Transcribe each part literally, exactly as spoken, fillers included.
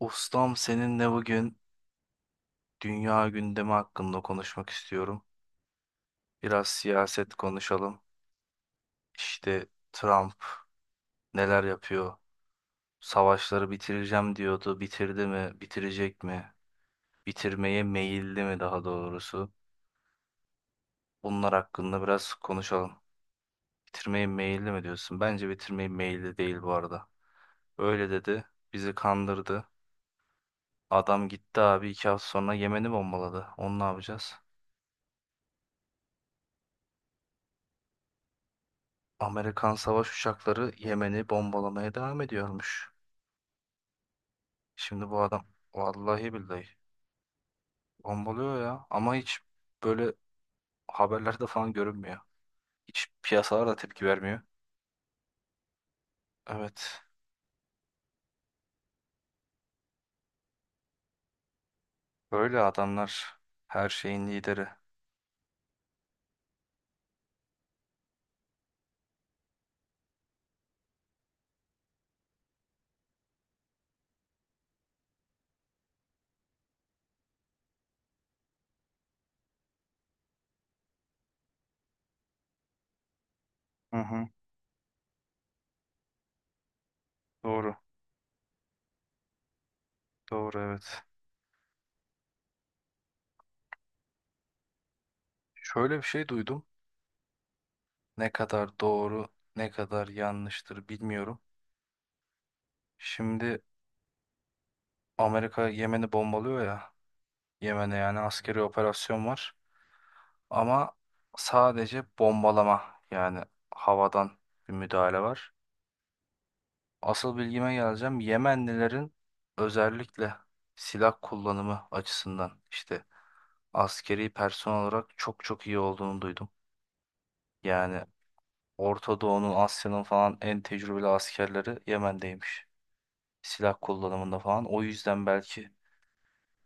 Ustam seninle bugün dünya gündemi hakkında konuşmak istiyorum. Biraz siyaset konuşalım. İşte Trump neler yapıyor? Savaşları bitireceğim diyordu. Bitirdi mi? Bitirecek mi? Bitirmeye meyilli mi daha doğrusu? Bunlar hakkında biraz konuşalım. Bitirmeye meyilli mi diyorsun? Bence bitirmeye meyilli değil bu arada. Öyle dedi. Bizi kandırdı. Adam gitti abi iki hafta sonra Yemen'i bombaladı. Onu ne yapacağız? Amerikan savaş uçakları Yemen'i bombalamaya devam ediyormuş. Şimdi bu adam vallahi billahi bombalıyor ya ama hiç böyle haberlerde falan görünmüyor. Hiç piyasalar da tepki vermiyor. Evet. Böyle adamlar her şeyin lideri. Hı hı. Doğru. Doğru, evet. Şöyle bir şey duydum. Ne kadar doğru, ne kadar yanlıştır bilmiyorum. Şimdi Amerika Yemen'i bombalıyor ya. Yemen'e yani askeri operasyon var. Ama sadece bombalama, yani havadan bir müdahale var. Asıl bilgime geleceğim. Yemenlilerin özellikle silah kullanımı açısından işte askeri personel olarak çok çok iyi olduğunu duydum. Yani Orta Doğu'nun, Asya'nın falan en tecrübeli askerleri Yemen'deymiş. Silah kullanımında falan. O yüzden belki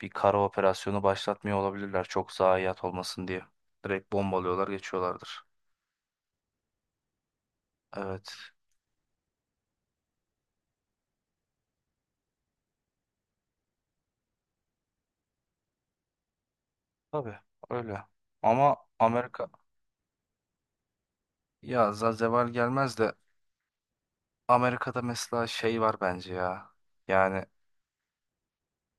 bir kara operasyonu başlatmıyor olabilirler. Çok zayiat olmasın diye. Direkt bombalıyorlar, geçiyorlardır. Evet. Tabii öyle. Ama Amerika ya Zazeval gelmez de Amerika'da mesela şey var bence ya. Yani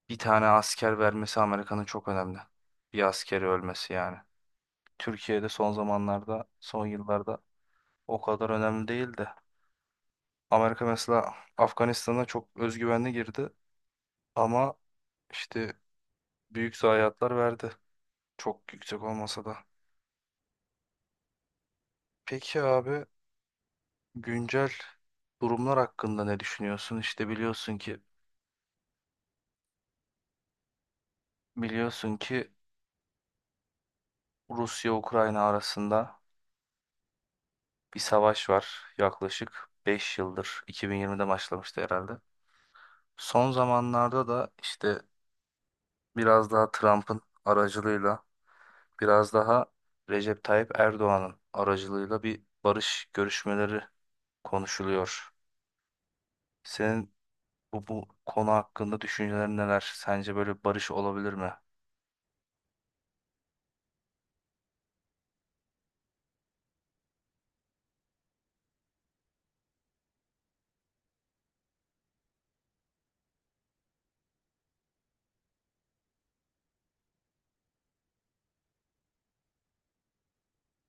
bir tane asker vermesi Amerika'nın çok önemli. Bir askeri ölmesi yani. Türkiye'de son zamanlarda, son yıllarda o kadar önemli değil de. Amerika mesela Afganistan'a çok özgüvenli girdi ama işte büyük zayiatlar verdi. Çok yüksek olmasa da. Peki abi, güncel durumlar hakkında ne düşünüyorsun? İşte biliyorsun ki Biliyorsun ki Rusya-Ukrayna arasında bir savaş var, yaklaşık beş yıldır iki bin yirmide başlamıştı herhalde. Son zamanlarda da işte biraz daha Trump'ın aracılığıyla, biraz daha Recep Tayyip Erdoğan'ın aracılığıyla bir barış görüşmeleri konuşuluyor. Senin bu, bu konu hakkında düşüncelerin neler? Sence böyle barış olabilir mi?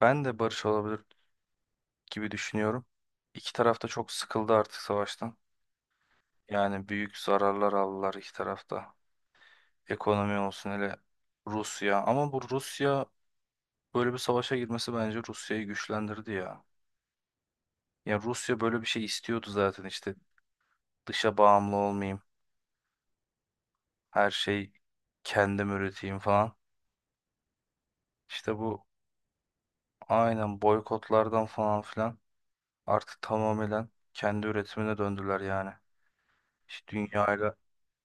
Ben de barış olabilir gibi düşünüyorum. İki taraf da çok sıkıldı artık savaştan. Yani büyük zararlar aldılar iki tarafta. Ekonomi olsun, hele Rusya. Ama bu Rusya böyle bir savaşa girmesi bence Rusya'yı güçlendirdi ya. Ya Rusya böyle bir şey istiyordu zaten, işte dışa bağımlı olmayayım, her şey kendim üreteyim falan. İşte bu aynen boykotlardan falan filan artık tamamen kendi üretimine döndüler yani. Hiç dünyayla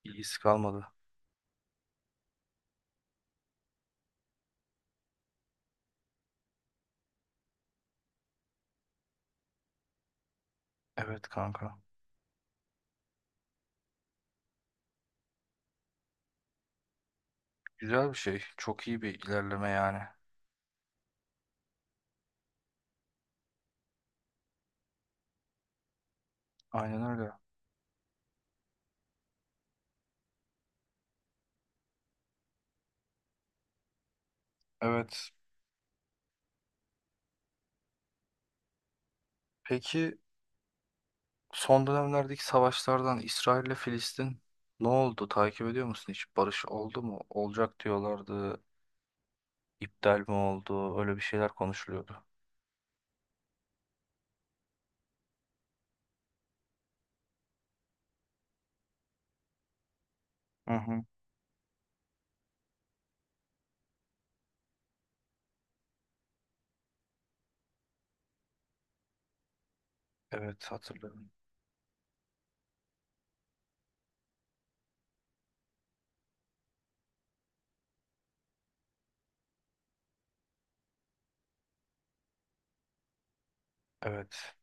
ilgisi kalmadı. Evet, kanka. Güzel bir şey. Çok iyi bir ilerleme yani. Aynen öyle. Evet. Peki son dönemlerdeki savaşlardan İsrail ile Filistin ne oldu? Takip ediyor musun hiç? Barış oldu mu? Olacak diyorlardı. İptal mi oldu? Öyle bir şeyler konuşuluyordu. Hı hı. Evet, hatırlıyorum. Evet.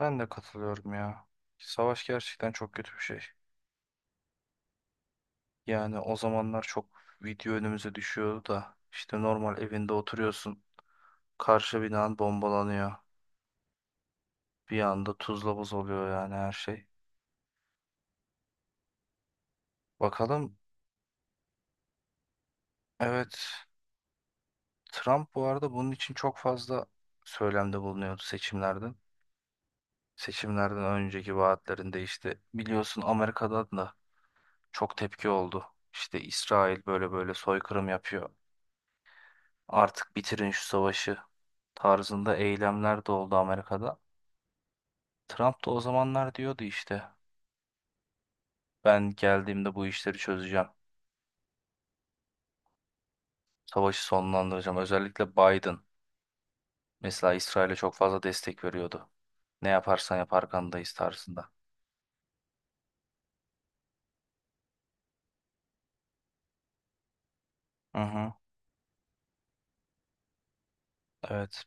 Ben de katılıyorum ya. Savaş gerçekten çok kötü bir şey. Yani o zamanlar çok video önümüze düşüyordu da işte normal evinde oturuyorsun. Karşı binan bombalanıyor. Bir anda tuzla buz oluyor yani her şey. Bakalım. Evet, Trump bu arada bunun için çok fazla söylemde bulunuyordu seçimlerden. Seçimlerden önceki vaatlerinde işte biliyorsun Amerika'dan da çok tepki oldu. İşte İsrail böyle böyle soykırım yapıyor. Artık bitirin şu savaşı tarzında eylemler de oldu Amerika'da. Trump da o zamanlar diyordu işte ben geldiğimde bu işleri çözeceğim. Savaşı sonlandıracağım. Özellikle Biden mesela İsrail'e çok fazla destek veriyordu. Ne yaparsan yap arkandayız tarzında. Hı hı. Evet.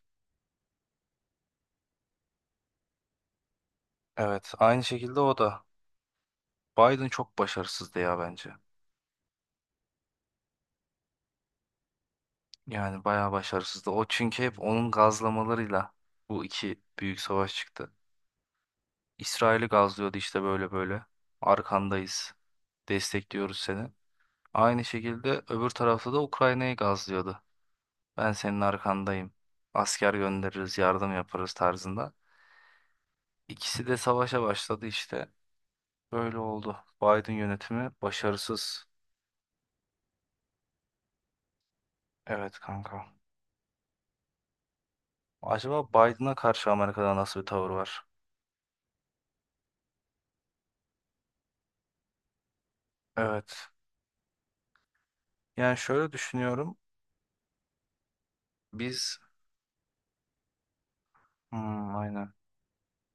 Evet, aynı şekilde o da. Biden çok başarısızdı ya bence. Yani bayağı başarısızdı. O çünkü hep onun gazlamalarıyla bu iki büyük savaş çıktı. İsrail'i gazlıyordu işte böyle böyle. Arkandayız. Destekliyoruz seni. Aynı şekilde öbür tarafta da Ukrayna'yı gazlıyordu. Ben senin arkandayım. Asker göndeririz, yardım yaparız tarzında. İkisi de savaşa başladı işte. Böyle oldu. Biden yönetimi başarısız. Evet kanka. Acaba Biden'a karşı Amerika'da nasıl bir tavır var? Evet. Yani şöyle düşünüyorum. Biz hmm, aynen.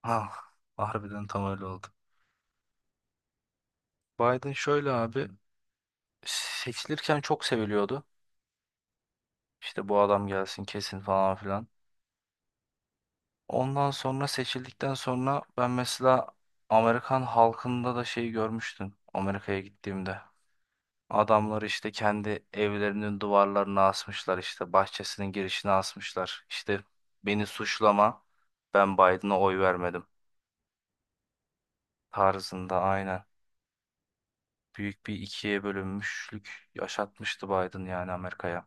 Ah, harbiden tam öyle oldu. Biden şöyle abi, seçilirken çok seviliyordu. İşte bu adam gelsin kesin falan filan. Ondan sonra seçildikten sonra ben mesela Amerikan halkında da şeyi görmüştüm Amerika'ya gittiğimde. Adamlar işte kendi evlerinin duvarlarına asmışlar, işte bahçesinin girişine asmışlar. İşte beni suçlama, ben Biden'a oy vermedim tarzında, aynen. Büyük bir ikiye bölünmüşlük yaşatmıştı Biden yani Amerika'ya.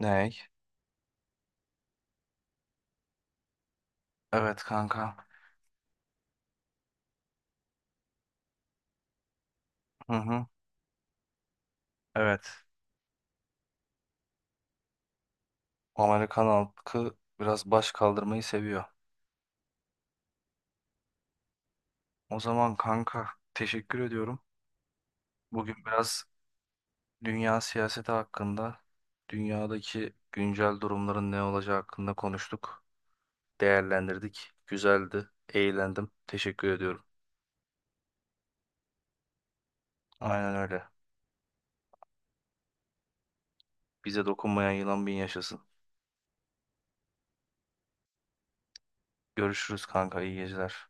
Ney? Evet, kanka. Hı hı. Evet. Amerikan halkı biraz baş kaldırmayı seviyor. O zaman kanka teşekkür ediyorum. Bugün biraz dünya siyaseti hakkında, dünyadaki güncel durumların ne olacağı hakkında konuştuk, değerlendirdik. Güzeldi, eğlendim. Teşekkür ediyorum. Aynen öyle. Bize dokunmayan yılan bin yaşasın. Görüşürüz kanka, iyi geceler.